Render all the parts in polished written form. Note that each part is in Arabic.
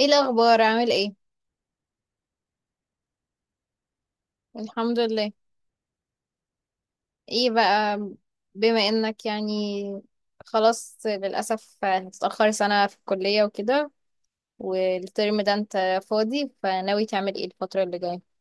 ايه الاخبار؟ عامل ايه؟ الحمد لله. ايه بقى؟ بما انك يعني خلاص، للاسف هتتاخر سنه في الكليه وكده. والترم ده انت فاضي، فناوي تعمل ايه الفتره اللي جايه؟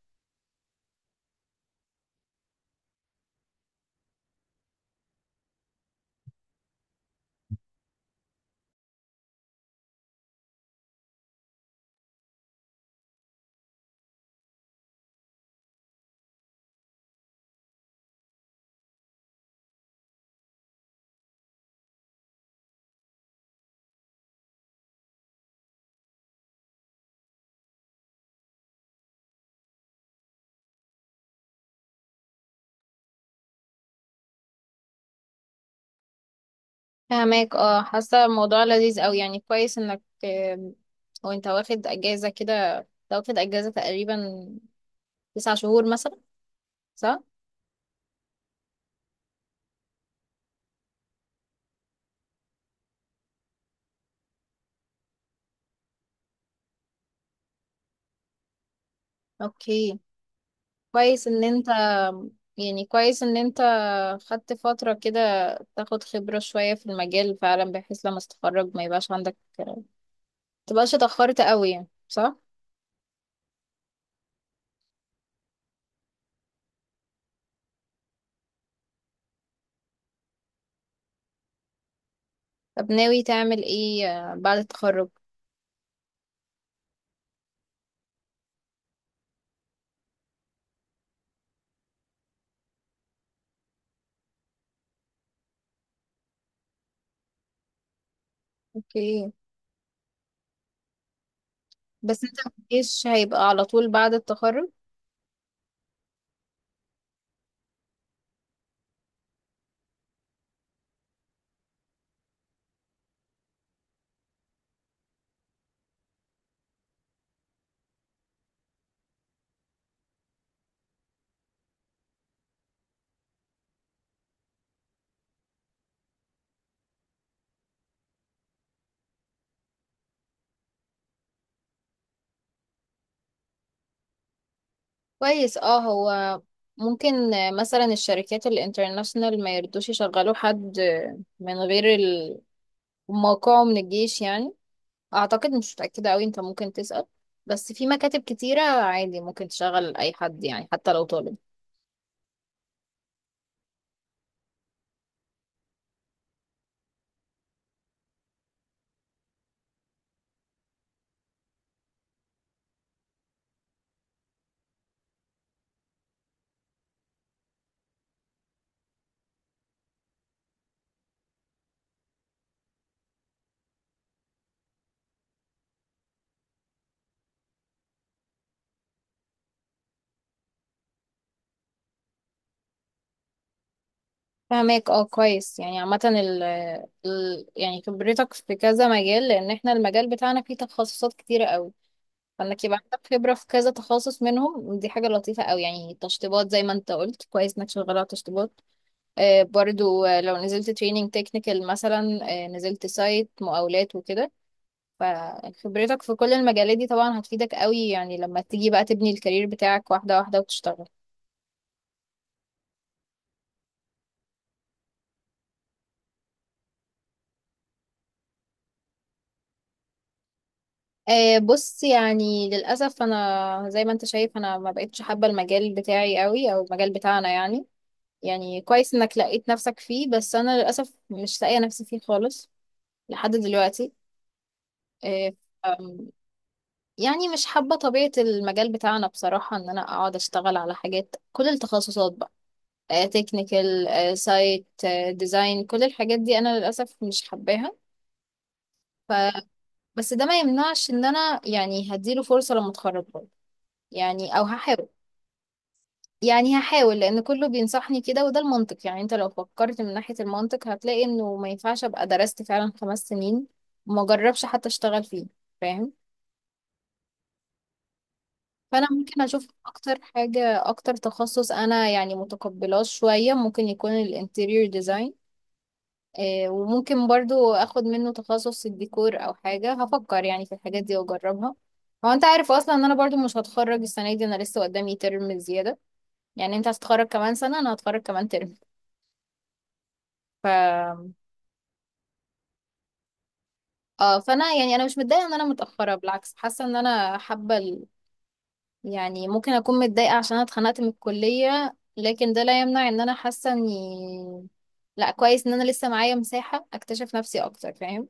فهماك. اه، حاسه الموضوع لذيذ قوي. يعني كويس انك وانت واخد اجازه كده، أنت واخد اجازه تقريبا 9 شهور مثلا، صح؟ اوكي. كويس ان انت كويس ان انت خدت فترة كده، تاخد خبرة شوية في المجال فعلا، بحيث لما تتخرج ما يبقاش عندك، متبقاش اتأخرت قوي يعني، صح؟ طب، ناوي تعمل ايه بعد التخرج؟ اوكي. بس انت مفيش هيبقى على طول بعد التخرج؟ كويس. اه هو ممكن مثلا الشركات الانترناشنال ما يردوش يشغلوا حد من غير موقعه من الجيش يعني. اعتقد، مش متأكدة قوي. انت ممكن تسأل، بس في مكاتب كتيرة عادي ممكن تشغل اي حد يعني، حتى لو طالب. فهماك. اه كويس يعني. عامة ال يعني خبرتك في كذا مجال، لان احنا المجال بتاعنا فيه تخصصات كتيرة قوي، فانك يبقى عندك خبرة في كذا تخصص منهم دي حاجة لطيفة قوي يعني. تشطيبات زي ما انت قلت، كويس انك شغالة على تشطيبات. برضو، لو نزلت تريننج تكنيكال مثلا، نزلت سايت مقاولات وكده، فخبرتك في كل المجالات دي طبعا هتفيدك قوي يعني لما تيجي بقى تبني الكارير بتاعك واحدة واحدة وتشتغل. بص، يعني للأسف أنا زي ما أنت شايف أنا ما بقتش حابة المجال بتاعي قوي، أو المجال بتاعنا يعني. يعني كويس إنك لقيت نفسك فيه، بس أنا للأسف مش لاقية نفسي فيه خالص لحد دلوقتي. أه. أم، يعني مش حابة طبيعة المجال بتاعنا بصراحة، إن أنا أقعد أشتغل على حاجات كل التخصصات بقى: تكنيكال، سايت، ديزاين، كل الحاجات دي انا للاسف مش حباها. ف بس ده ما يمنعش ان انا يعني هديله فرصه لما اتخرج برضه، يعني او هحاول. يعني هحاول لان كله بينصحني كده وده المنطق يعني. انت لو فكرت من ناحيه المنطق هتلاقي انه ما ينفعش ابقى درست فعلا 5 سنين وما جربش حتى اشتغل فيه. فاهم؟ فانا ممكن اشوف اكتر حاجه، اكتر تخصص انا يعني متقبلاه شويه، ممكن يكون الانتيريور ديزاين. وممكن برضو اخد منه تخصص الديكور او حاجة، هفكر يعني في الحاجات دي واجربها. هو انت عارف اصلا ان انا برضو مش هتخرج السنة دي؟ انا لسه قدامي ترم زيادة. يعني انت هتتخرج كمان سنة، انا هتخرج كمان ترم. ف اه، فانا يعني انا مش متضايقة ان انا متأخرة، بالعكس حاسة ان انا حابة يعني ممكن اكون متضايقة عشان انا اتخنقت من الكلية، لكن ده لا يمنع ان انا حاسة اني، لا، كويس ان انا لسه معايا مساحة اكتشف نفسي اكتر. فاهم؟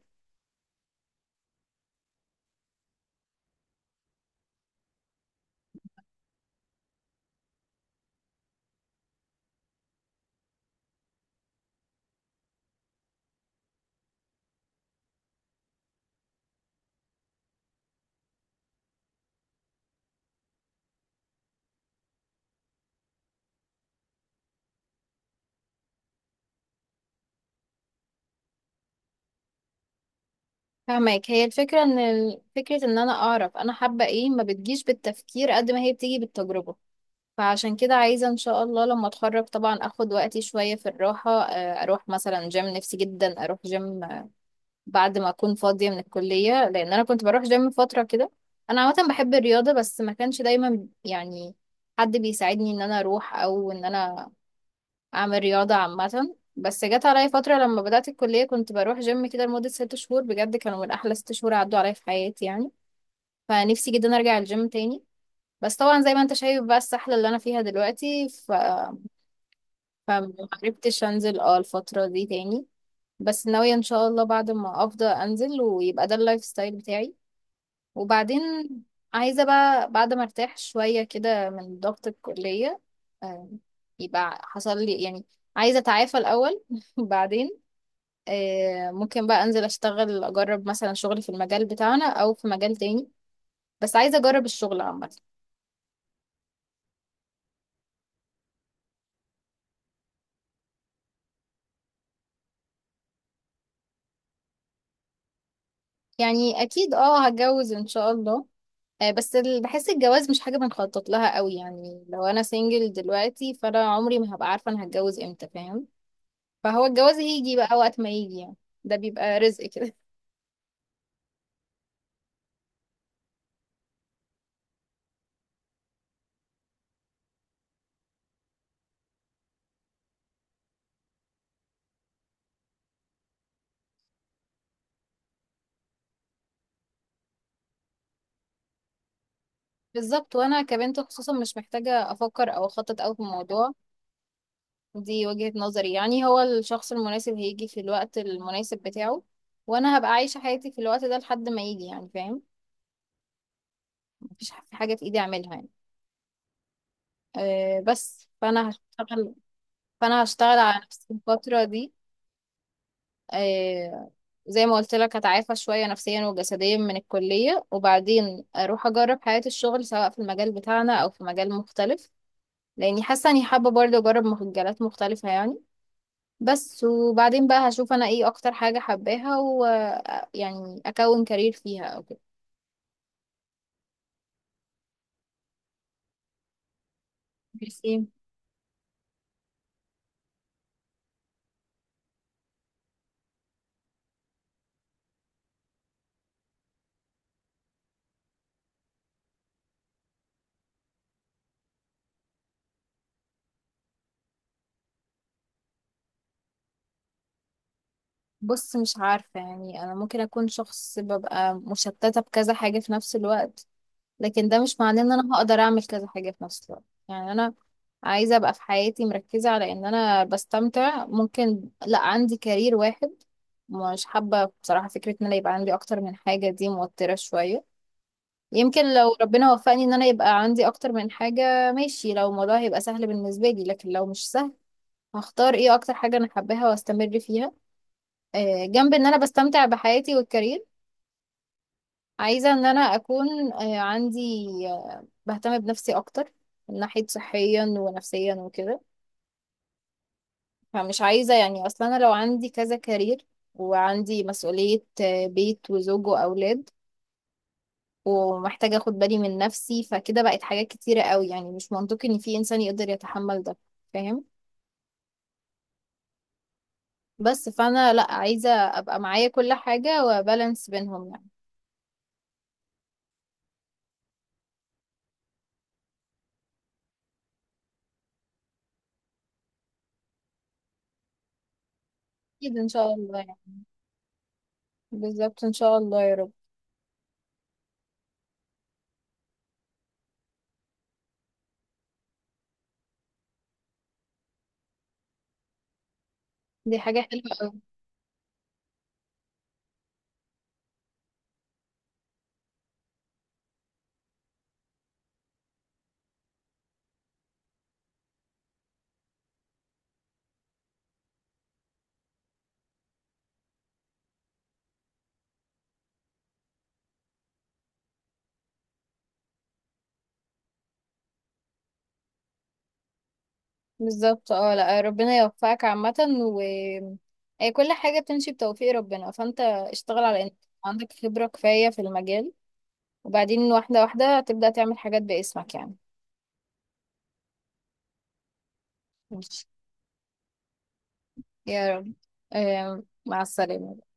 فاهمك. هي الفكرة ان فكرة ان انا اعرف انا حابة ايه ما بتجيش بالتفكير قد ما هي بتيجي بالتجربة. فعشان كده عايزة ان شاء الله لما اتخرج طبعا اخد وقتي شوية في الراحة. اروح مثلا جيم، نفسي جدا اروح جيم، بعد ما اكون فاضية من الكلية، لان انا كنت بروح جيم فترة كده. انا عامة بحب الرياضة، بس ما كانش دايما يعني حد بيساعدني ان انا اروح او ان انا اعمل رياضة عامة. بس جت عليا فترة لما بدأت الكلية كنت بروح جيم كده لمدة 6 شهور، بجد كانوا من احلى 6 شهور عدوا عليا في حياتي يعني. فنفسي جدا ارجع الجيم تاني. بس طبعا زي ما انت شايف بقى السحلة اللي انا فيها دلوقتي. فمعرفتش انزل الفترة دي تاني. بس ناوية ان شاء الله بعد ما افضى انزل، ويبقى ده اللايف ستايل بتاعي. وبعدين عايزة بقى بعد ما ارتاح شوية كده من ضغط الكلية، آه، يبقى حصل لي يعني. عايزة اتعافى الاول بعدين ممكن بقى انزل اشتغل اجرب مثلا شغلي في المجال بتاعنا او في مجال تاني. بس عايزه اجرب الشغل عامه. يعني اكيد، اه هتجوز ان شاء الله. بس بحس الجواز مش حاجه بنخطط لها قوي يعني، لو انا سنجل دلوقتي فانا عمري ما هبقى عارفه انا هتجوز امتى. فاهم؟ فهو الجواز هيجي بقى وقت ما يجي يعني. ده بيبقى رزق كده. بالظبط، وانا كبنت خصوصا مش محتاجه افكر او اخطط قوي في الموضوع. دي وجهة نظري يعني، هو الشخص المناسب هيجي في الوقت المناسب بتاعه. وانا هبقى عايشة حياتي في الوقت ده لحد ما يجي يعني. فاهم؟ مفيش حاجة في ايدي اعملها يعني. أه، بس فانا هشتغل على نفسي الفترة دي. أه. زي ما قلت لك هتعافى شوية نفسيا وجسديا من الكلية، وبعدين اروح اجرب حياة الشغل سواء في المجال بتاعنا او في مجال مختلف، لاني حاسة اني حابة برضه اجرب مجالات مختلفة يعني. بس وبعدين بقى هشوف انا ايه اكتر حاجة حباها، يعني اكون كارير فيها او كده. برسم. بص، مش عارفة يعني، انا ممكن اكون شخص ببقى مشتتة بكذا حاجة في نفس الوقت، لكن ده مش معناه ان انا هقدر اعمل كذا حاجة في نفس الوقت. يعني انا عايزة ابقى في حياتي مركزة على ان انا بستمتع، ممكن لا عندي كارير واحد. مش حابة بصراحة فكرة ان انا يبقى عندي اكتر من حاجة، دي موترة شوية. يمكن لو ربنا وفقني ان انا يبقى عندي اكتر من حاجة ماشي، لو الموضوع هيبقى سهل بالنسبة لي، لكن لو مش سهل هختار ايه اكتر حاجة انا حباها واستمر فيها. جنب ان انا بستمتع بحياتي والكارير. عايزة ان انا اكون عندي، بهتم بنفسي اكتر من ناحية صحيا ونفسيا وكده. فمش عايزة يعني اصلا. انا لو عندي كذا كارير وعندي مسؤولية بيت وزوج واولاد، ومحتاجة اخد بالي من نفسي، فكده بقت حاجات كتيرة قوي، يعني مش منطقي ان في انسان يقدر يتحمل ده. فاهم؟ بس فانا لا، عايزة ابقى معايا كل حاجة وبالانس بينهم يعني. اكيد ان شاء الله يعني. بالظبط ان شاء الله يا رب. دي حاجة حلوة قوي. بالظبط. اه لا، ربنا يوفقك عامة. و أي، كل حاجة بتمشي بتوفيق ربنا، فانت اشتغل على انك عندك خبرة كفاية في المجال، وبعدين واحدة واحدة تبدأ تعمل حاجات باسمك يعني. ماشي. يا رب. مع السلامة.